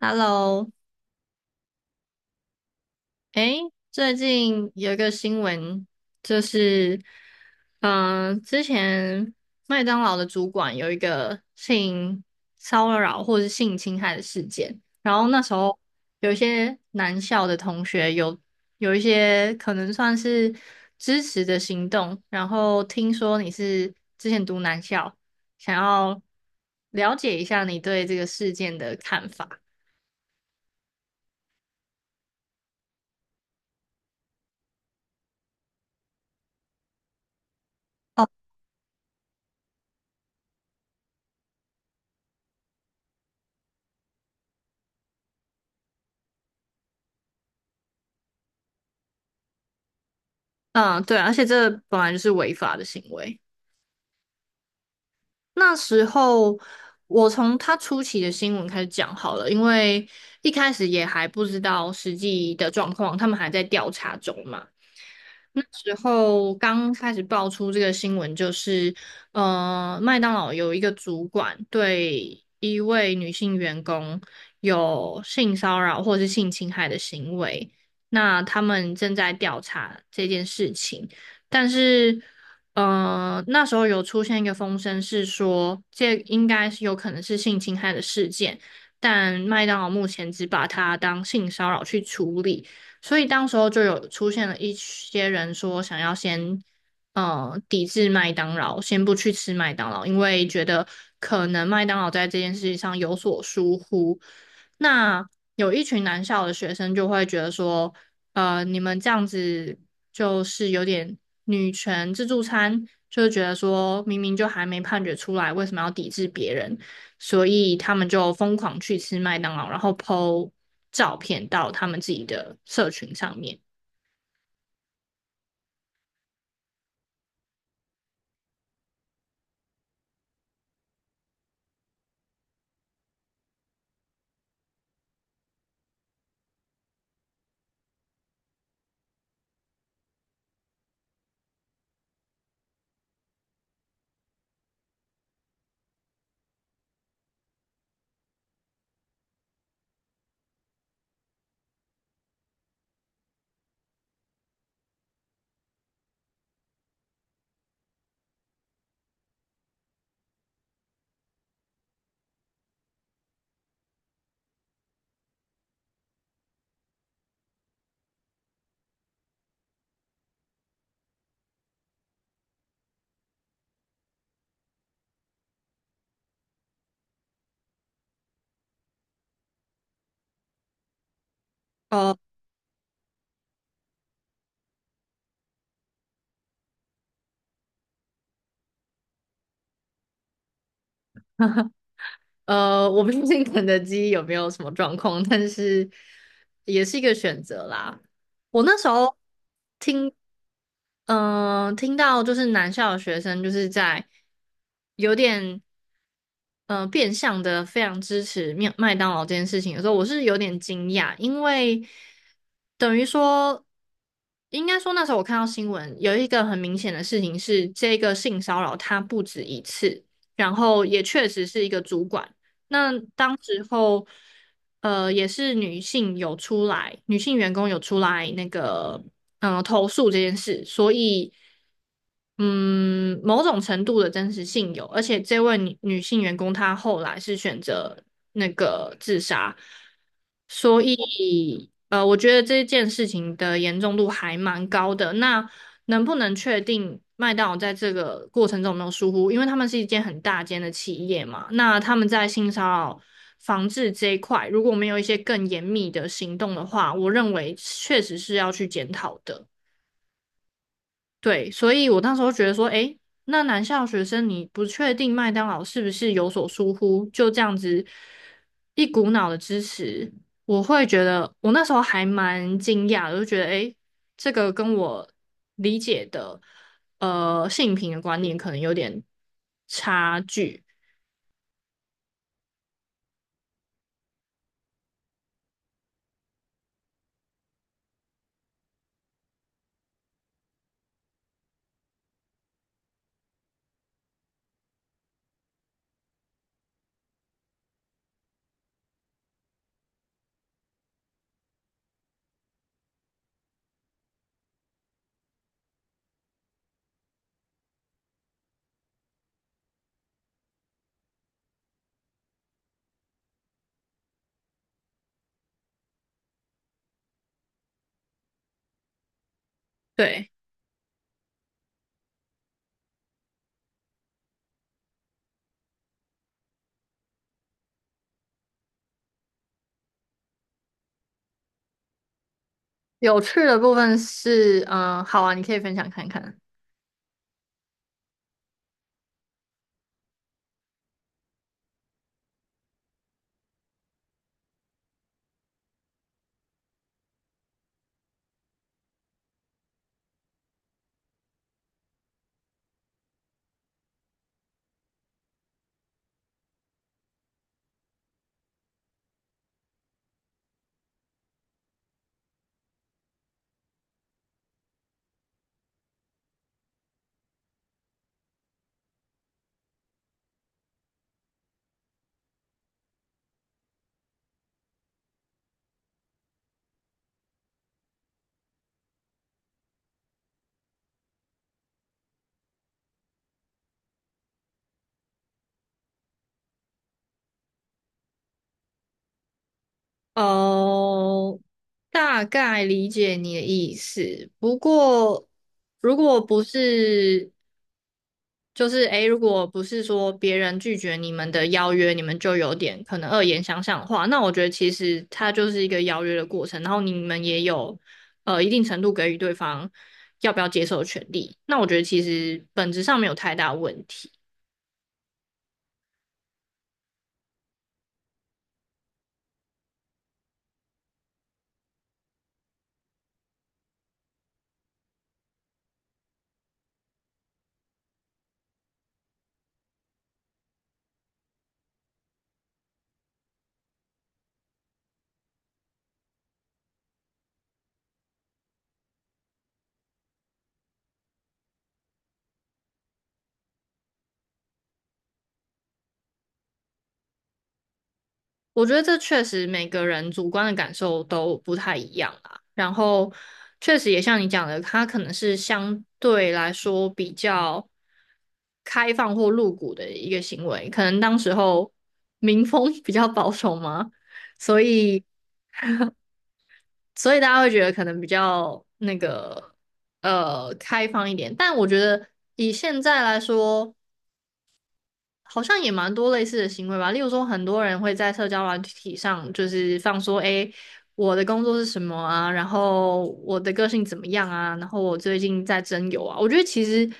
Hello,诶，最近有一个新闻，就是，之前麦当劳的主管有一个性骚扰或是性侵害的事件，然后那时候有一些男校的同学有一些可能算是支持的行动，然后听说你是之前读男校，想要了解一下你对这个事件的看法。嗯，对，而且这本来就是违法的行为。那时候我从他初期的新闻开始讲好了，因为一开始也还不知道实际的状况，他们还在调查中嘛。那时候刚开始爆出这个新闻，麦当劳有一个主管对一位女性员工有性骚扰或是性侵害的行为，那他们正在调查这件事情，但是,那时候有出现一个风声，是说这应该是有可能是性侵害的事件，但麦当劳目前只把它当性骚扰去处理。所以当时候就有出现了一些人说想要先抵制麦当劳，先不去吃麦当劳，因为觉得可能麦当劳在这件事情上有所疏忽。那有一群南校的学生就会觉得说，你们这样子就是有点女权自助餐，就是觉得说明明就还没判决出来，为什么要抵制别人？所以他们就疯狂去吃麦当劳，然后 po 照片到他们自己的社群上面。哦，我不确定肯德基有没有什么状况，但是也是一个选择啦。我那时候听听到就是南校的学生就是在有点变相的非常支持麦当劳这件事情的时候，我是有点惊讶，因为等于说，应该说那时候我看到新闻有一个很明显的事情是，这个性骚扰它不止一次，然后也确实是一个主管。那当时候，也是女性有出来，女性员工有出来那个，嗯、投诉这件事，所以，嗯，某种程度的真实性有，而且这位女性员工她后来是选择那个自杀，所以，我觉得这件事情的严重度还蛮高的。那能不能确定麦当劳在这个过程中有没有疏忽？因为他们是一间很大间的企业嘛，那他们在性骚扰防治这一块，如果没有一些更严密的行动的话，我认为确实是要去检讨的。对，所以我那时候觉得说，诶，那男校学生你不确定麦当劳是不是有所疏忽，就这样子一股脑的支持，我会觉得我那时候还蛮惊讶的，就觉得诶，这个跟我理解的性平的观念可能有点差距。对，有趣的部分是，好啊，你可以分享看看。哦，大概理解你的意思。不过，如果不是，就是诶，如果不是说别人拒绝你们的邀约，你们就有点可能恶言相向的话，那我觉得其实它就是一个邀约的过程，然后你们也有一定程度给予对方要不要接受的权利。那我觉得其实本质上没有太大问题。我觉得这确实每个人主观的感受都不太一样啦。然后，确实也像你讲的，它可能是相对来说比较开放或露骨的一个行为，可能当时候民风 比较保守嘛，所以所以大家会觉得可能比较那个开放一点。但我觉得以现在来说，好像也蛮多类似的行为吧。例如说，很多人会在社交软体上就是放说，诶，我的工作是什么啊？然后我的个性怎么样啊？然后我最近在征友啊。我觉得其实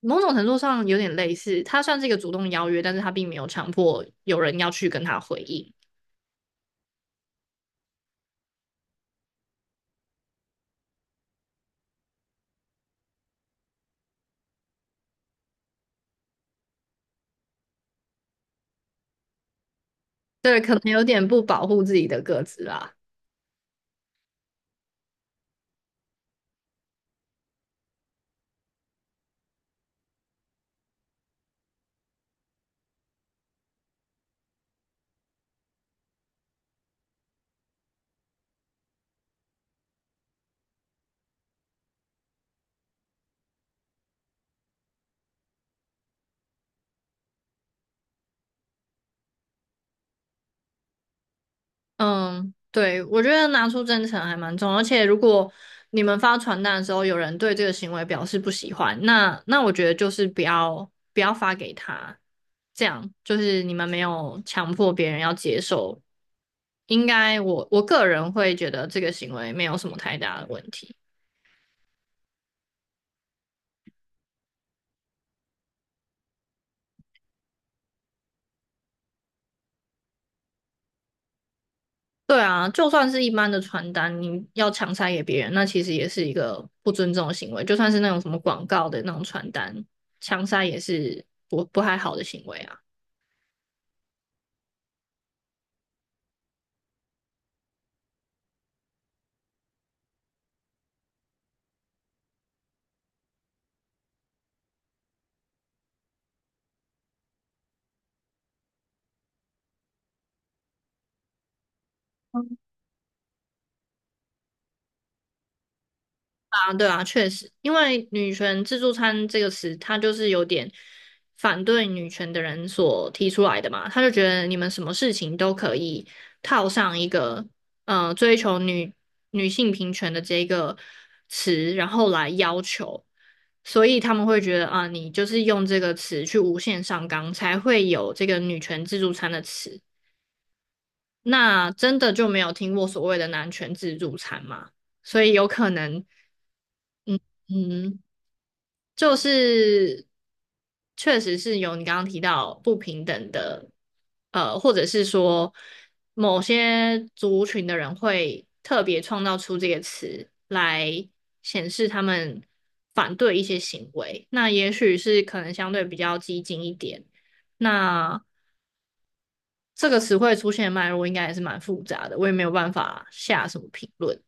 某种程度上有点类似，它算是一个主动邀约，但是它并没有强迫有人要去跟他回应。对，可能有点不保护自己的个子啦。嗯，对，我觉得拿出真诚还蛮重要，而且如果你们发传单的时候，有人对这个行为表示不喜欢，那我觉得就是不要发给他，这样就是你们没有强迫别人要接受，应该我个人会觉得这个行为没有什么太大的问题。对啊，就算是一般的传单，你要强塞给别人，那其实也是一个不尊重的行为，就算是那种什么广告的那种传单，强塞也是不太好的行为啊。啊，对啊，确实，因为"女权自助餐"这个词，它就是有点反对女权的人所提出来的嘛。他就觉得你们什么事情都可以套上一个追求女性平权的这个词，然后来要求，所以他们会觉得啊，你就是用这个词去无限上纲，才会有这个"女权自助餐"的词。那真的就没有听过所谓的男权自助餐吗？所以有可能。嗯，就是确实是有你刚刚提到不平等的，或者是说某些族群的人会特别创造出这个词来显示他们反对一些行为。那也许是可能相对比较激进一点。那这个词汇出现的脉络应该也是蛮复杂的，我也没有办法下什么评论。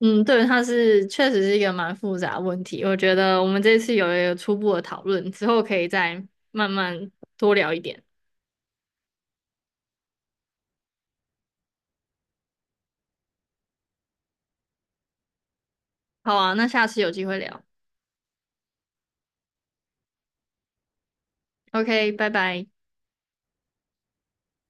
嗯，对，它是确实是一个蛮复杂的问题。我觉得我们这次有一个初步的讨论，之后可以再慢慢多聊一点。好啊，那下次有机会聊。OK,拜拜。